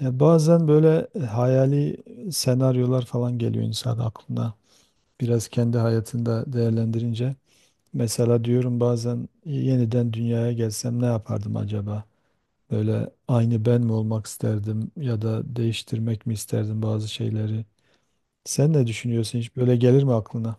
Ya bazen böyle hayali senaryolar falan geliyor insan aklına. Biraz kendi hayatında değerlendirince. Mesela diyorum bazen yeniden dünyaya gelsem ne yapardım acaba? Böyle aynı ben mi olmak isterdim ya da değiştirmek mi isterdim bazı şeyleri? Sen ne düşünüyorsun? Hiç böyle gelir mi aklına?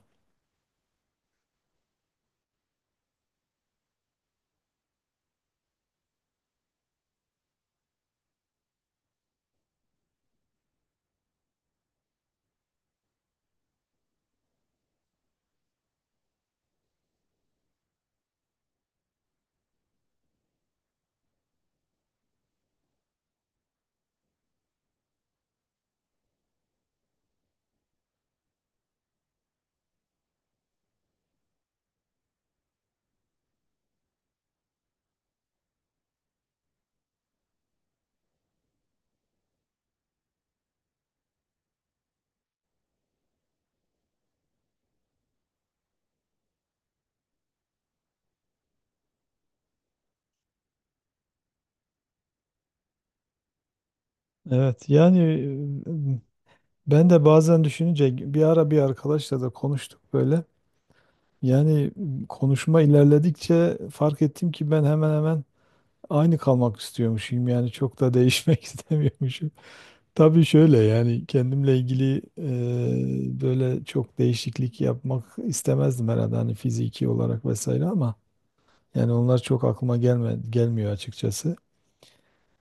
Evet, yani e, ben de bazen düşününce bir ara bir arkadaşla da konuştuk böyle. Yani konuşma ilerledikçe fark ettim ki ben hemen hemen aynı kalmak istiyormuşum, yani çok da değişmek istemiyormuşum. Tabii şöyle, yani kendimle ilgili böyle çok değişiklik yapmak istemezdim herhalde, hani fiziki olarak vesaire, ama yani onlar çok aklıma gelmiyor açıkçası.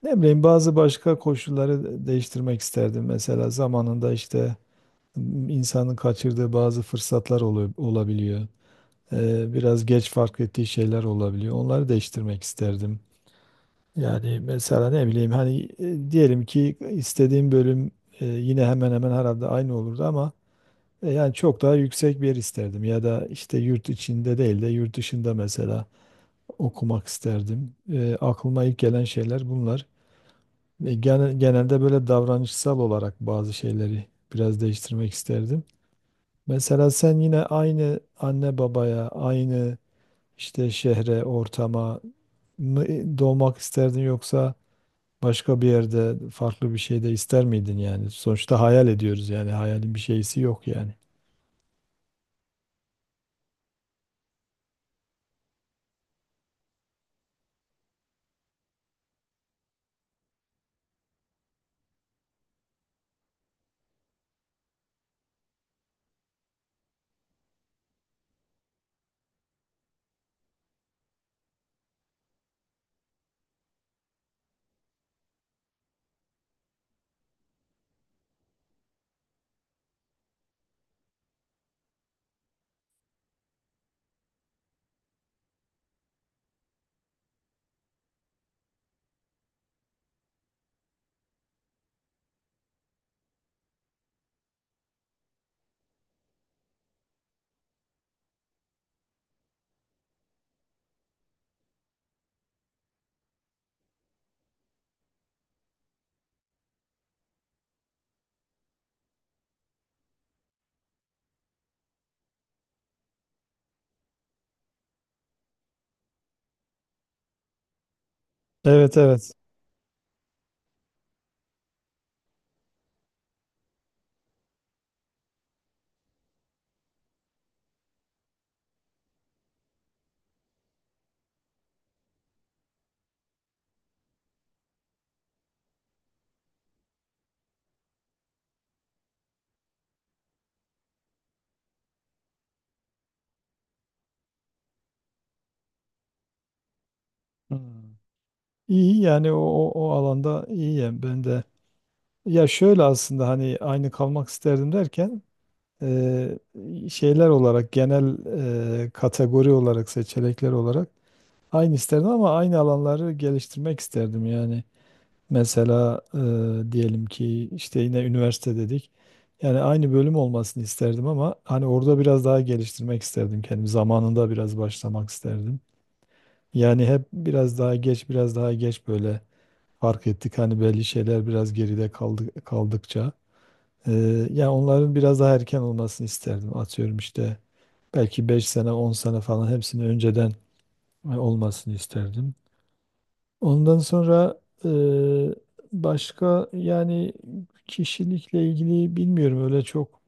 Ne bileyim, bazı başka koşulları değiştirmek isterdim. Mesela zamanında işte insanın kaçırdığı bazı fırsatlar olabiliyor. Biraz geç fark ettiği şeyler olabiliyor. Onları değiştirmek isterdim. Yani mesela ne bileyim, hani diyelim ki istediğim bölüm yine hemen hemen herhalde aynı olurdu, ama yani çok daha yüksek bir yer isterdim ya da işte yurt içinde değil de yurt dışında mesela okumak isterdim. Aklıma ilk gelen şeyler bunlar. Genelde böyle davranışsal olarak bazı şeyleri biraz değiştirmek isterdim. Mesela sen yine aynı anne babaya, aynı işte şehre, ortama mı doğmak isterdin, yoksa başka bir yerde farklı bir şey de ister miydin yani? Sonuçta hayal ediyoruz yani. Hayalin bir şeysi yok yani. Evet, evet. Hmm. İyi, yani o alanda iyiyim ben de. Ya şöyle aslında, hani aynı kalmak isterdim derken e, şeyler olarak genel kategori olarak, seçenekler olarak aynı isterdim ama aynı alanları geliştirmek isterdim yani. Mesela diyelim ki işte yine üniversite dedik. Yani aynı bölüm olmasını isterdim ama hani orada biraz daha geliştirmek isterdim kendimi. Zamanında biraz başlamak isterdim. Yani hep biraz daha geç, biraz daha geç böyle fark ettik. Hani belli şeyler biraz geride kaldı, kaldıkça. E, yani onların biraz daha erken olmasını isterdim. Atıyorum işte belki 5 sene, 10 sene falan hepsini önceden olmasını isterdim. Ondan sonra, başka yani kişilikle ilgili bilmiyorum, öyle çok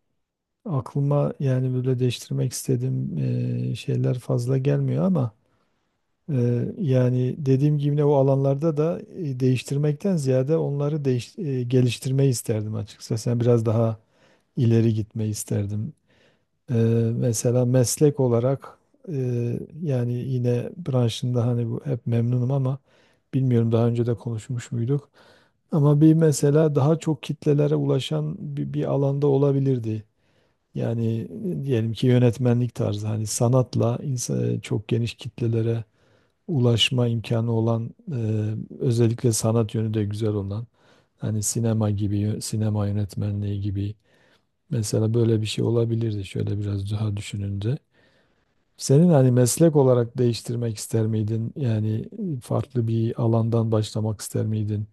aklıma yani böyle değiştirmek istediğim şeyler fazla gelmiyor, ama yani dediğim gibi yine o alanlarda da değiştirmekten ziyade onları geliştirmeyi isterdim açıkçası. Yani biraz daha ileri gitmeyi isterdim. Ee, mesela meslek olarak yani yine branşında, hani bu hep memnunum, ama bilmiyorum daha önce de konuşmuş muyduk. Ama bir mesela daha çok kitlelere ulaşan bir alanda olabilirdi. Yani diyelim ki yönetmenlik tarzı, hani sanatla insan, çok geniş kitlelere ulaşma imkanı olan, özellikle sanat yönü de güzel olan, hani sinema gibi sinema yönetmenliği gibi. Mesela böyle bir şey olabilirdi şöyle biraz daha düşününce. Senin hani meslek olarak değiştirmek ister miydin? Yani farklı bir alandan başlamak ister miydin?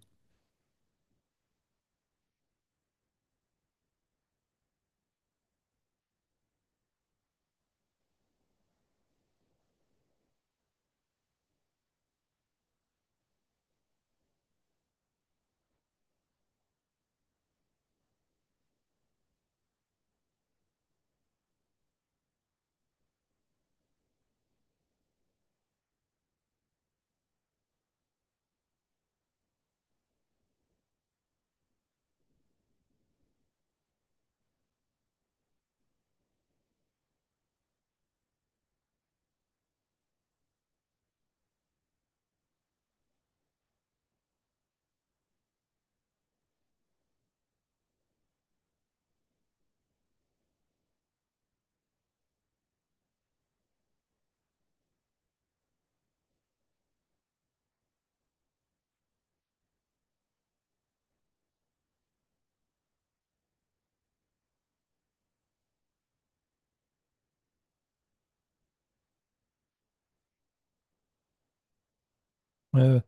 Evet.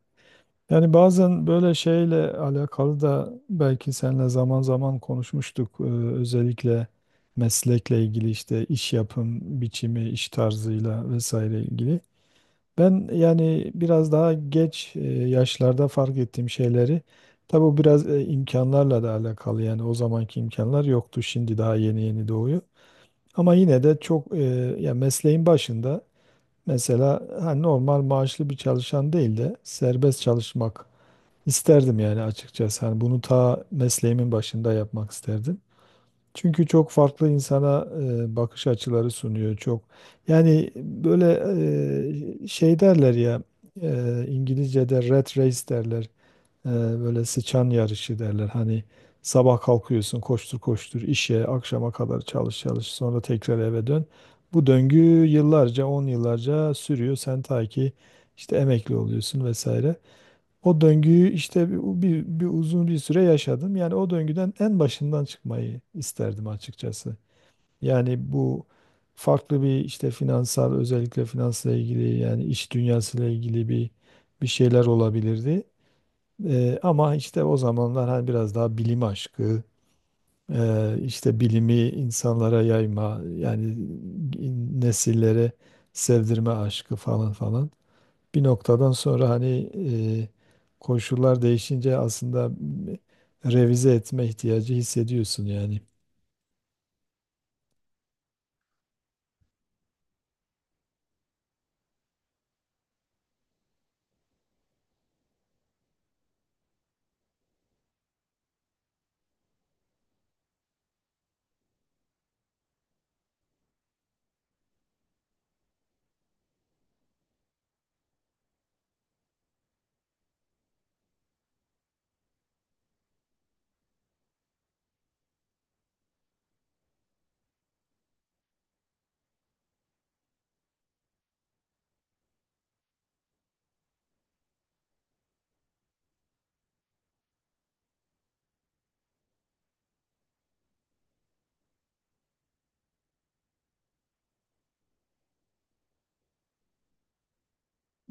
Yani bazen böyle şeyle alakalı da belki seninle zaman zaman konuşmuştuk. Özellikle meslekle ilgili, işte iş yapım biçimi, iş tarzıyla vesaire ilgili. Ben yani biraz daha geç yaşlarda fark ettiğim şeyleri, tabi bu biraz imkanlarla da alakalı, yani o zamanki imkanlar yoktu, şimdi daha yeni yeni doğuyor. Ama yine de çok ya mesleğin başında, mesela hani normal maaşlı bir çalışan değil de serbest çalışmak isterdim yani açıkçası. Hani bunu ta mesleğimin başında yapmak isterdim. Çünkü çok farklı insana bakış açıları sunuyor çok. Yani böyle şey derler ya, İngilizce'de rat race derler. E, böyle sıçan yarışı derler. Hani sabah kalkıyorsun, koştur koştur işe, akşama kadar çalış çalış, sonra tekrar eve dön. Bu döngü yıllarca 10 yıllarca sürüyor. Sen ta ki işte emekli oluyorsun vesaire. O döngüyü işte bir uzun bir süre yaşadım. Yani o döngüden en başından çıkmayı isterdim açıkçası. Yani bu farklı bir işte finansal, özellikle finansla ilgili, yani iş dünyasıyla ilgili bir şeyler olabilirdi. Ama işte o zamanlar hani biraz daha bilim aşkı, işte bilimi insanlara yayma, yani nesillere sevdirme aşkı, falan falan, bir noktadan sonra hani e, koşullar değişince aslında revize etme ihtiyacı hissediyorsun yani.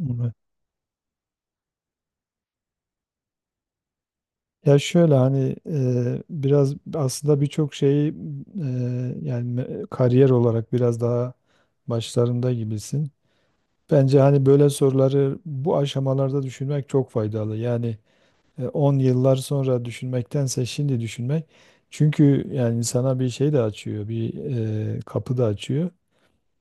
Evet. Ya şöyle, hani biraz aslında birçok şeyi, yani kariyer olarak biraz daha başlarında gibisin. Bence hani böyle soruları bu aşamalarda düşünmek çok faydalı. Yani 10 yıllar sonra düşünmektense şimdi düşünmek. Çünkü yani insana bir şey de açıyor, bir kapı da açıyor.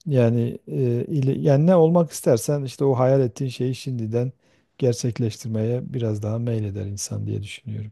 Yani yani ne olmak istersen işte o hayal ettiğin şeyi şimdiden gerçekleştirmeye biraz daha meyleder insan diye düşünüyorum.